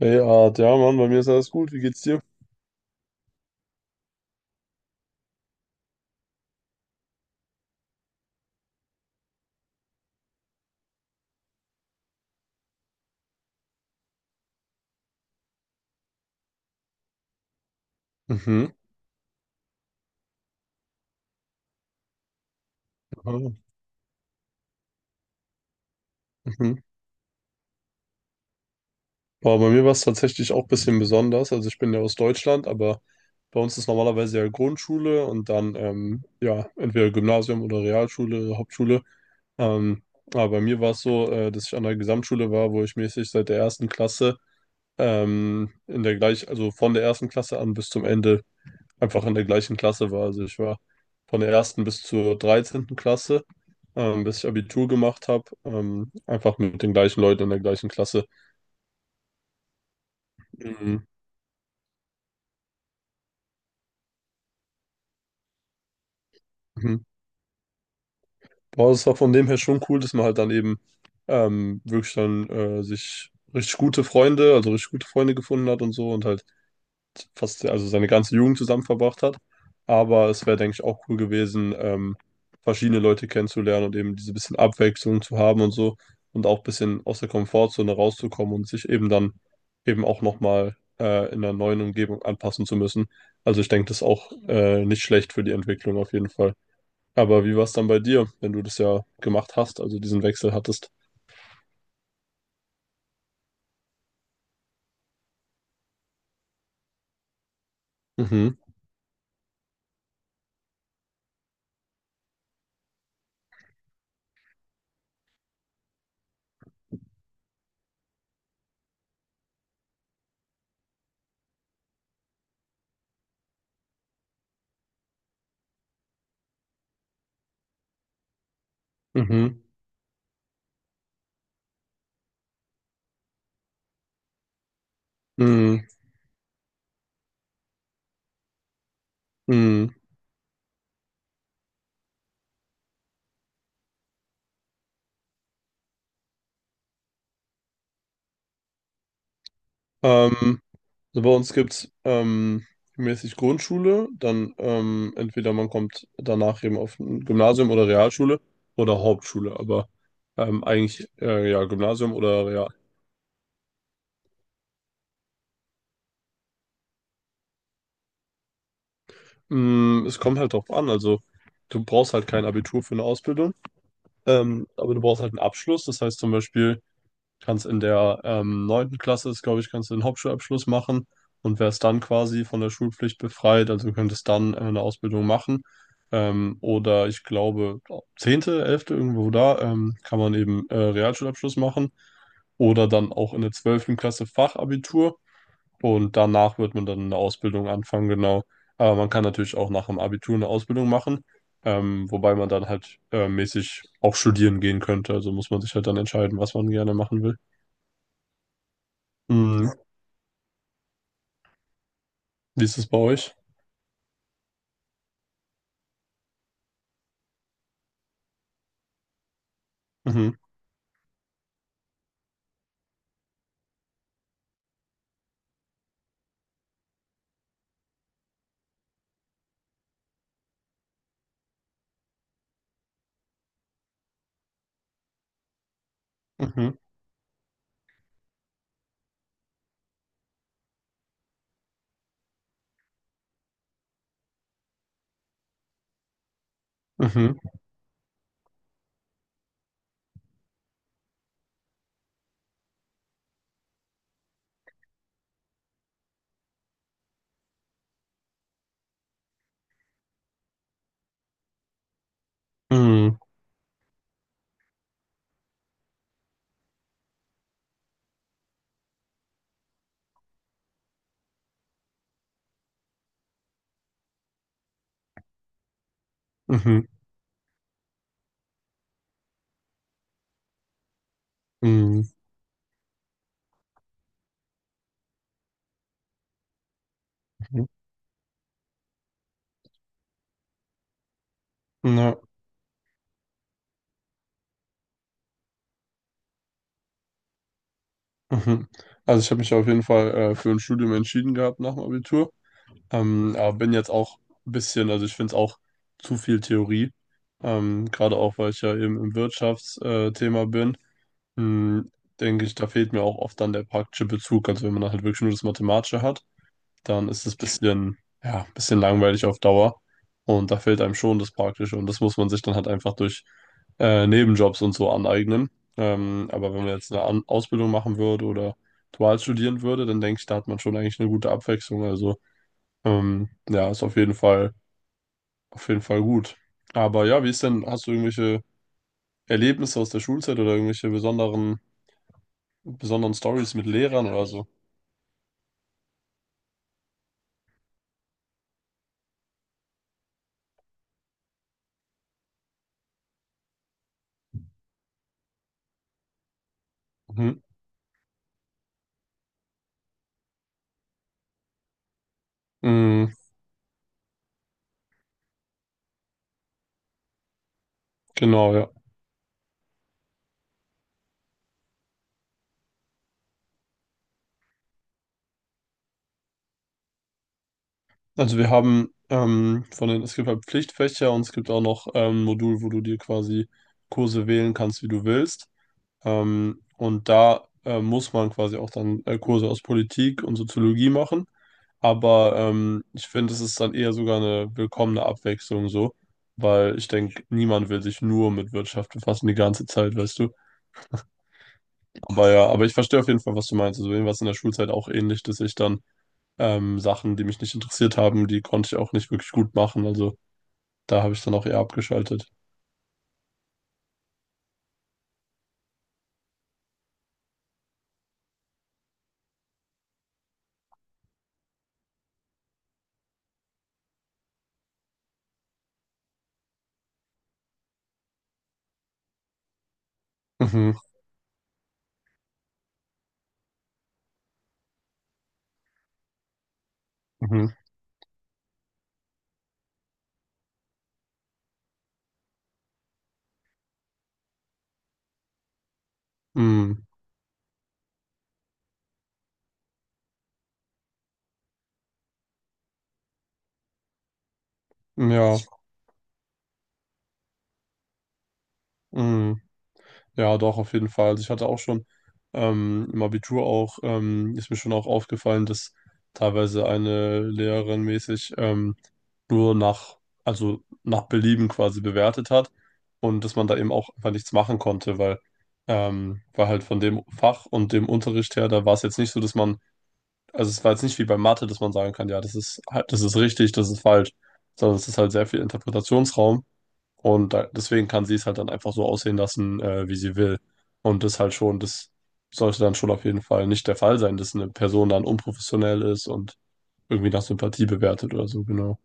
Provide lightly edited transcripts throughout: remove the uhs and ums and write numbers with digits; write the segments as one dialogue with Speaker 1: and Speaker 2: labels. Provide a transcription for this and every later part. Speaker 1: Ey, Art, ja, Mann, bei mir ist alles gut. Wie geht's dir? Mhm. Mhm. Mhm. Boah, bei mir war es tatsächlich auch ein bisschen besonders. Also ich bin ja aus Deutschland, aber bei uns ist normalerweise ja Grundschule und dann ja entweder Gymnasium oder Realschule, Hauptschule. Ähm, aber bei mir war es so, dass ich an der Gesamtschule war, wo ich mäßig seit der ersten Klasse also von der ersten Klasse an bis zum Ende einfach in der gleichen Klasse war. Also ich war von der ersten bis zur dreizehnten Klasse, bis ich Abitur gemacht habe, einfach mit den gleichen Leuten in der gleichen Klasse. Mhm. Mhm. Aber es war von dem her schon cool, dass man halt dann eben wirklich dann sich richtig gute Freunde, also richtig gute Freunde gefunden hat und so und halt fast also seine ganze Jugend zusammen verbracht hat. Aber es wäre, denke ich, auch cool gewesen, verschiedene Leute kennenzulernen und eben diese bisschen Abwechslung zu haben und so und auch ein bisschen aus der Komfortzone rauszukommen und sich eben dann eben auch nochmal in einer neuen Umgebung anpassen zu müssen. Also ich denke, das ist auch nicht schlecht für die Entwicklung auf jeden Fall. Aber wie war es dann bei dir, wenn du das ja gemacht hast, also diesen Wechsel hattest? Mhm, mhm, mhm, mhm. Ähm, Also bei uns gibt es mäßig Grundschule, dann entweder man kommt danach eben auf ein Gymnasium oder Realschule oder Hauptschule, aber eigentlich ja Gymnasium oder Real. Mm, es kommt halt drauf an, also du brauchst halt kein Abitur für eine Ausbildung, aber du brauchst halt einen Abschluss, das heißt zum Beispiel kannst in der neunten Klasse, glaube ich, kannst du den Hauptschulabschluss machen und wärst dann quasi von der Schulpflicht befreit. Also könntest dann eine Ausbildung machen. Oder ich glaube, zehnte, elfte, irgendwo da, kann man eben Realschulabschluss machen. Oder dann auch in der zwölften Klasse Fachabitur. Und danach wird man dann eine Ausbildung anfangen, genau. Aber man kann natürlich auch nach dem Abitur eine Ausbildung machen. Wobei man dann halt mäßig auch studieren gehen könnte. Also muss man sich halt dann entscheiden, was man gerne machen will. Mhm. Wie ist es bei euch? Mhm. Mhm. Mhm. Mhm. Mhm. Mhm. Mhm. Na, mhm. Also ich habe mich auf jeden Fall für ein Studium entschieden gehabt nach dem Abitur. Aber bin jetzt auch ein bisschen, also ich finde es auch zu viel Theorie. Gerade auch, weil ich ja eben im Wirtschaftsthema Thema bin. Mhm. Denke ich, da fehlt mir auch oft dann der praktische Bezug. Also wenn man dann halt wirklich nur das Mathematische hat, dann ist es ein bisschen, ja, ein bisschen langweilig auf Dauer. Und da fehlt einem schon das Praktische. Und das muss man sich dann halt einfach durch Nebenjobs und so aneignen. Aber wenn man jetzt eine An Ausbildung machen würde oder dual studieren würde, dann denke ich, da hat man schon eigentlich eine gute Abwechslung. Also ja, ist auf jeden Fall gut. Aber ja, wie ist denn, hast du irgendwelche Erlebnisse aus der Schulzeit oder irgendwelche besonderen, besonderen Stories mit Lehrern oder so? Mhm. Mhm, genau, ja. Also wir haben es gibt halt Pflichtfächer und es gibt auch noch ein Modul, wo du dir quasi Kurse wählen kannst, wie du willst. Und da muss man quasi auch dann Kurse aus Politik und Soziologie machen. Aber ich finde, es ist dann eher sogar eine willkommene Abwechslung so, weil ich denke, niemand will sich nur mit Wirtschaft befassen die ganze Zeit, weißt du. Aber ja, aber ich verstehe auf jeden Fall, was du meinst. Also irgendwas in der Schulzeit auch ähnlich, dass ich dann Sachen, die mich nicht interessiert haben, die konnte ich auch nicht wirklich gut machen. Also da habe ich dann auch eher abgeschaltet. Mhm, mhm, mhm, mm, ja, mhm, ja, doch, auf jeden Fall. Also ich hatte auch schon im Abitur auch, ist mir schon auch aufgefallen, dass teilweise eine Lehrerin mäßig nur nach, also nach Belieben quasi bewertet hat und dass man da eben auch einfach nichts machen konnte, weil halt von dem Fach und dem Unterricht her, da war es jetzt nicht so, dass man also es war jetzt nicht wie bei Mathe, dass man sagen kann, ja, das ist halt, das ist richtig, das ist falsch, sondern es ist halt sehr viel Interpretationsraum und da, deswegen kann sie es halt dann einfach so aussehen lassen, wie sie will. Und das halt schon, das sollte dann schon auf jeden Fall nicht der Fall sein, dass eine Person dann unprofessionell ist und irgendwie nach Sympathie bewertet oder so, genau.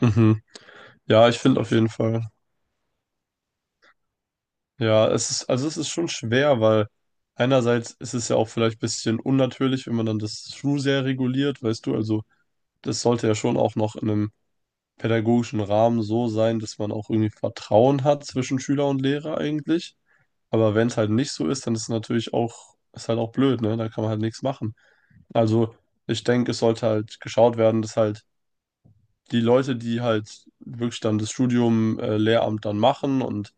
Speaker 1: Mhm. Ja, ich finde auf jeden Fall. Ja, es ist, also es ist schon schwer, weil einerseits ist es ja auch vielleicht ein bisschen unnatürlich, wenn man dann das True sehr reguliert, weißt du, also das sollte ja schon auch noch in einem pädagogischen Rahmen so sein, dass man auch irgendwie Vertrauen hat zwischen Schüler und Lehrer eigentlich. Aber wenn es halt nicht so ist, dann ist es natürlich auch, ist halt auch blöd, ne? Da kann man halt nichts machen. Also ich denke, es sollte halt geschaut werden, dass halt die Leute, die halt wirklich dann das Lehramt dann machen und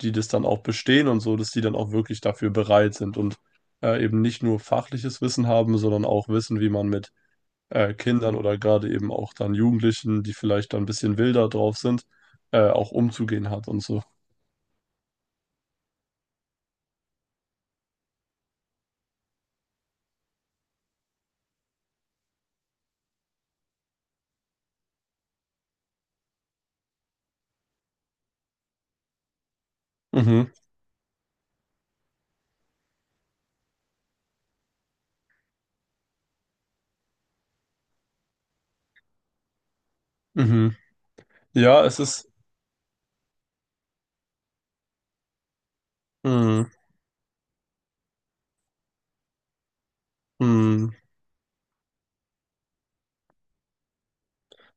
Speaker 1: die das dann auch bestehen und so, dass die dann auch wirklich dafür bereit sind und eben nicht nur fachliches Wissen haben, sondern auch wissen, wie man mit Kindern oder gerade eben auch dann Jugendlichen, die vielleicht dann ein bisschen wilder drauf sind, auch umzugehen hat und so. Mhm, mhm. Ja, es ist, mhm, mhm.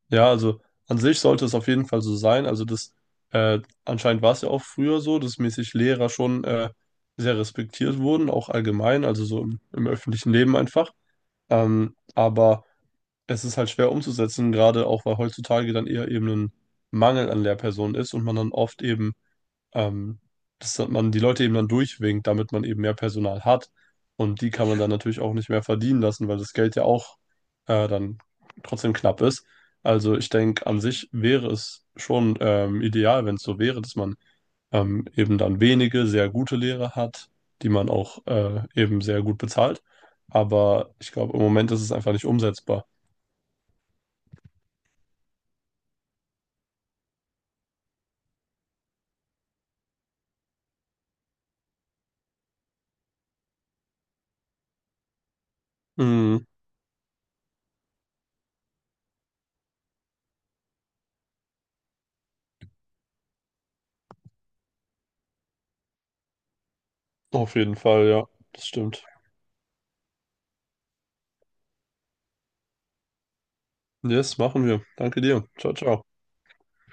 Speaker 1: Ja, also an sich sollte es auf jeden Fall so sein. Äh, anscheinend war es ja auch früher so, dass mäßig Lehrer schon sehr respektiert wurden, auch allgemein, also im öffentlichen Leben einfach. Aber es ist halt schwer umzusetzen, gerade auch weil heutzutage dann eher eben ein Mangel an Lehrpersonen ist und man dann oft eben ähm, dass man die Leute eben dann durchwinkt, damit man eben mehr Personal hat. Und die kann man dann natürlich auch nicht mehr verdienen lassen, weil das Geld ja auch dann trotzdem knapp ist. Also ich denke, an sich wäre es schon ideal, wenn es so wäre, dass man eben dann wenige sehr gute Lehrer hat, die man auch eben sehr gut bezahlt. Aber ich glaube, im Moment ist es einfach nicht umsetzbar. Mhm, auf jeden Fall, ja, das stimmt. Yes, machen wir. Danke dir. Ciao, ciao.